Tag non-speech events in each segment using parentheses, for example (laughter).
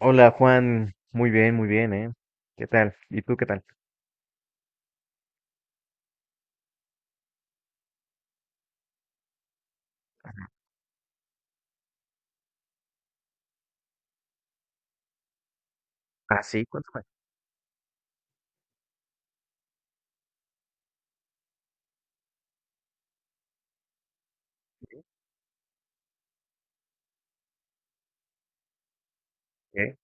Hola Juan, muy bien, ¿eh? ¿Qué tal? ¿Y tú qué tal? Ah, sí, cuéntame. ¿Qué? ¿Qué?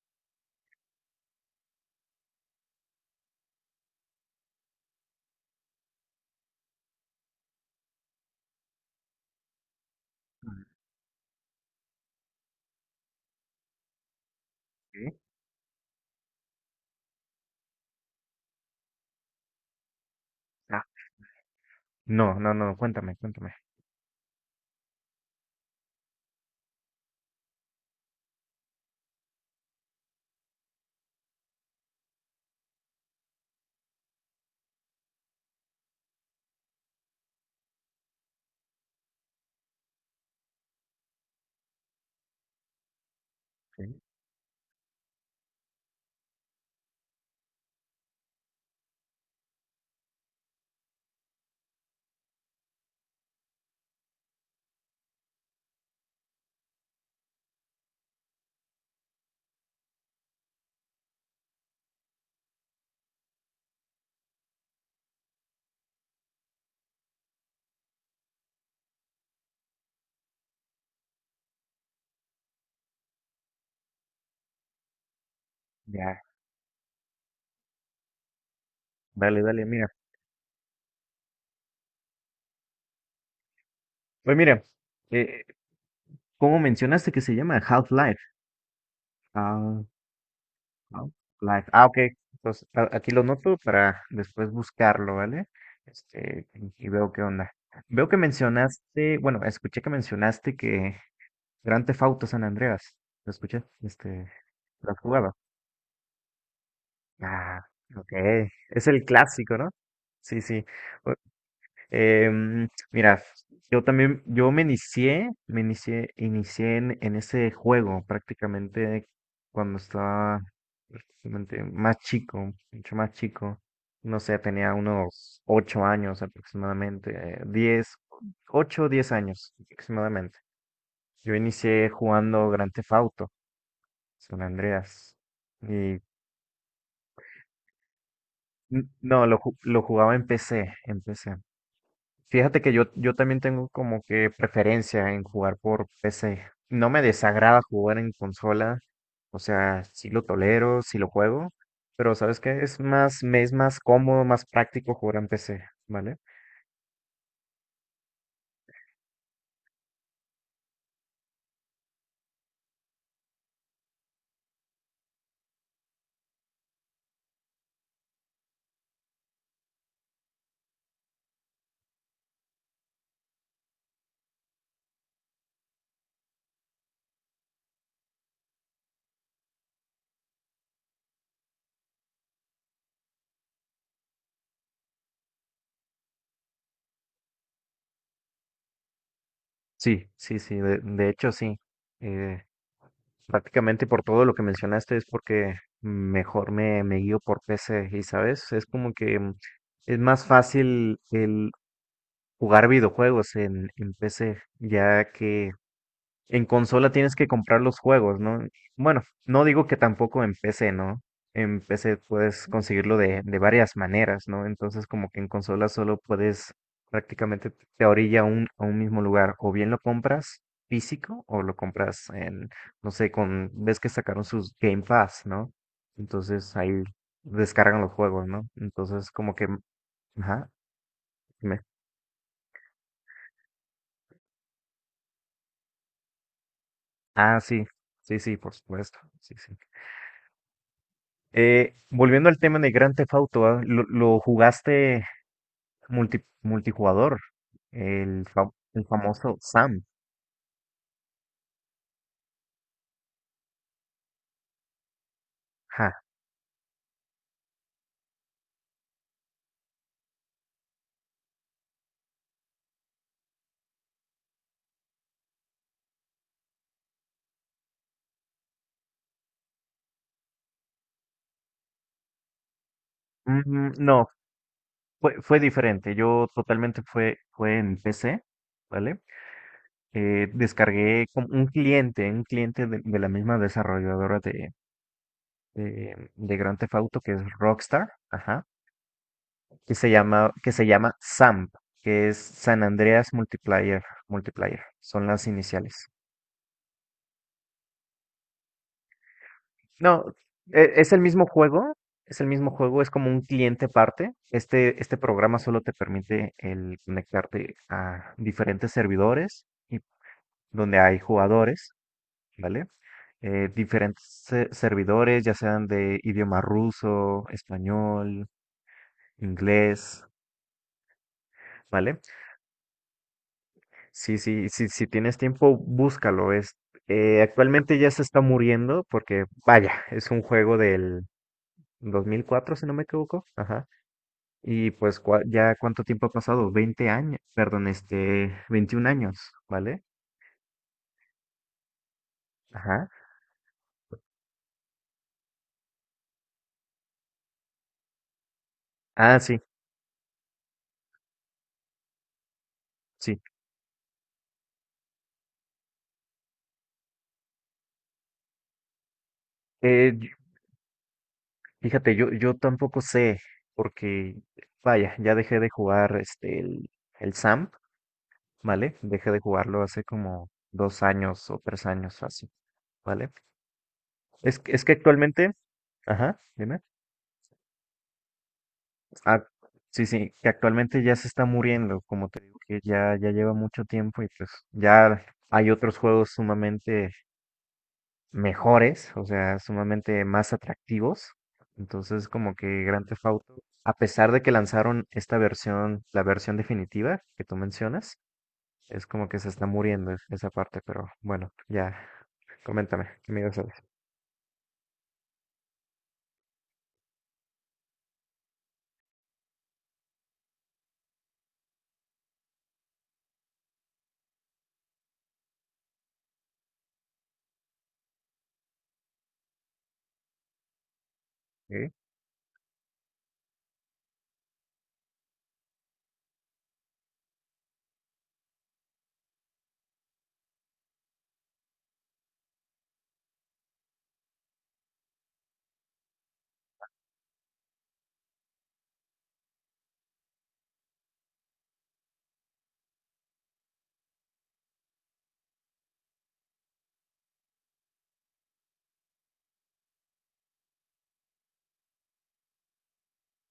Mm. ¿Qué? Ah, no, no, no, cuéntame, cuéntame. Sí. Ya. Dale, dale, mira. Pues mira, eh, ¿cómo mencionaste que se llama Half-Life? Ah, ah, live. Ah, ok. Entonces, aquí lo noto para después buscarlo, ¿vale? Este, y veo qué onda. Veo que mencionaste, bueno, escuché que mencionaste que Grand Theft Auto San Andreas. ¿Lo escuché? Este, ¿lo has jugado? Ah, ok. Es el clásico, ¿no? Sí, sí. Bu- Mira, yo también, yo inicié en ese juego prácticamente cuando estaba prácticamente más chico, mucho más chico. No sé, tenía unos 8 años aproximadamente, 10, 8 o 10 años aproximadamente. Yo inicié jugando Grand Theft Auto, San Andreas. No, lo jugaba en PC, en PC. Fíjate que yo también tengo como que preferencia en jugar por PC. No me desagrada jugar en consola, o sea, sí lo tolero, sí lo juego, pero ¿sabes qué? Es más, me es más cómodo, más práctico jugar en PC, ¿vale? Sí, sí, sí, de hecho sí. Eh, Prácticamente por todo lo que mencionaste es porque mejor me guío por PC y, ¿sabes? Es como que es más fácil el jugar videojuegos en PC, ya que en consola tienes que comprar los juegos, ¿no? Bueno, no digo que tampoco en PC, ¿no? En PC puedes conseguirlo de varias maneras, ¿no? Entonces como que en consola solo puedes prácticamente te orilla a un mismo lugar, o bien lo compras físico o lo compras en, no sé, con, ves que sacaron sus Game Pass, ¿no? Entonces ahí descargan los juegos, ¿no? Entonces como que, ajá. Ah, sí, sí, sí, por supuesto. Sí, sí. Volviendo al tema de Grand Theft Auto, lo jugaste multijugador, el famoso Sam. Ja. No, fue diferente. Yo totalmente fue en PC, ¿vale? Descargué como un cliente de la misma desarrolladora de Grand Theft Auto, que es Rockstar. Ajá. Que se llama SAMP, que es San Andreas Multiplayer, Multiplayer, son las iniciales. No, es el mismo juego, es el mismo juego, es como un cliente aparte. Este programa solo te permite el conectarte a diferentes servidores y donde hay jugadores, ¿vale? Diferentes servidores, ya sean de idioma ruso, español, inglés, ¿vale? Sí, sí, sí, si tienes tiempo, búscalo. Actualmente ya se está muriendo porque, vaya, es un juego del 2004 si no me equivoco. Ajá. Y pues ya cuánto tiempo ha pasado, 20 años, perdón, este, 21 años, ¿vale? Ajá. Ah, sí, sí. Eh, y- Fíjate, yo tampoco sé porque, vaya, ya dejé de jugar este, el SAMP, ¿vale? Dejé de jugarlo hace como 2 años o 3 años, así. ¿Vale? Es que actualmente, ajá, dime. Ah, sí, sí, que actualmente ya se está muriendo, como te digo, que ya lleva mucho tiempo y pues ya hay otros juegos sumamente mejores, o sea, sumamente más atractivos. Entonces, como que Grand Theft Auto, a pesar de que lanzaron esta versión, la versión definitiva que tú mencionas, es como que se está muriendo esa parte, pero bueno, ya, coméntame, ¿qué me ibas a decir?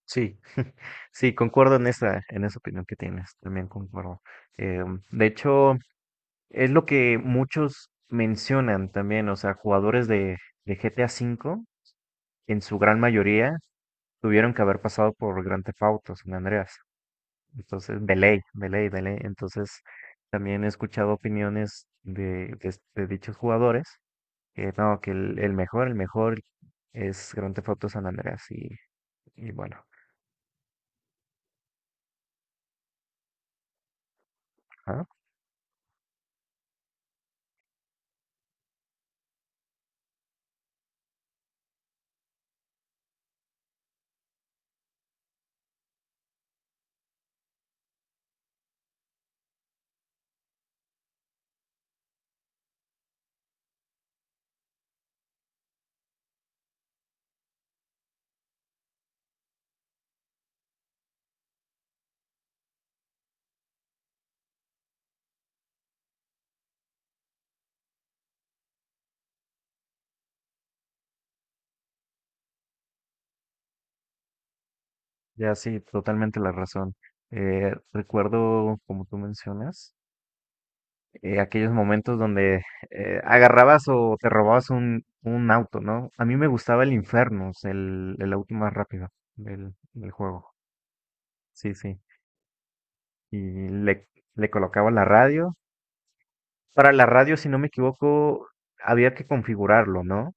Sí, (laughs) sí, concuerdo en esa opinión que tienes, también concuerdo. De hecho, es lo que muchos mencionan también, o sea, jugadores de GTA V, en su gran mayoría, tuvieron que haber pasado por Grand Theft Auto, San Andreas. Entonces, de ley, de ley, de ley. Entonces, también he escuchado opiniones de dichos jugadores, que no, que el mejor, el mejor es Grand Theft Auto San Andreas, y bueno. ¿Ah? Ya sí, totalmente la razón. Recuerdo, como tú mencionas, aquellos momentos donde agarrabas o te robabas un auto, ¿no? A mí me gustaba el Infernus, el auto más rápido del juego. Sí, sí. Y le, le colocaba la radio. Para la radio, si no me equivoco, había que configurarlo, ¿no?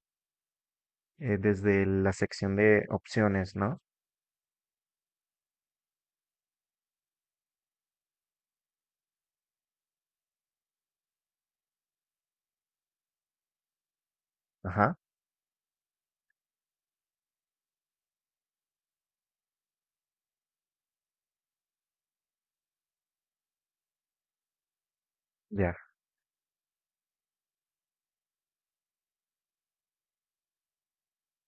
Desde la sección de opciones, ¿no? Ajá. Ya.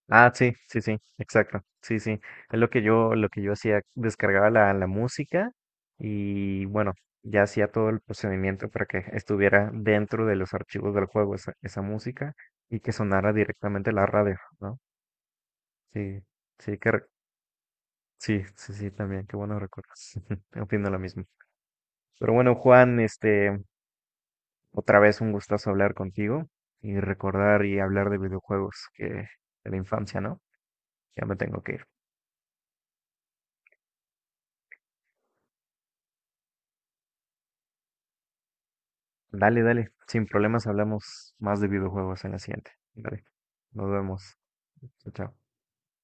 Ah, sí, sí, sí, exacto. Sí, sí. Es lo que yo hacía, descargaba la música y bueno, ya hacía todo el procedimiento para que estuviera dentro de los archivos del juego esa música y que sonara directamente la radio, ¿no? Sí, sí, sí, sí, sí, también, qué buenos recuerdos. (laughs) Opino lo mismo. Pero bueno, Juan, este, otra vez un gustazo hablar contigo y recordar y hablar de videojuegos que de la infancia, ¿no? Ya me tengo que ir. Dale, dale. Sin problemas hablamos más de videojuegos en la siguiente. Dale. Nos vemos. Chao, chao.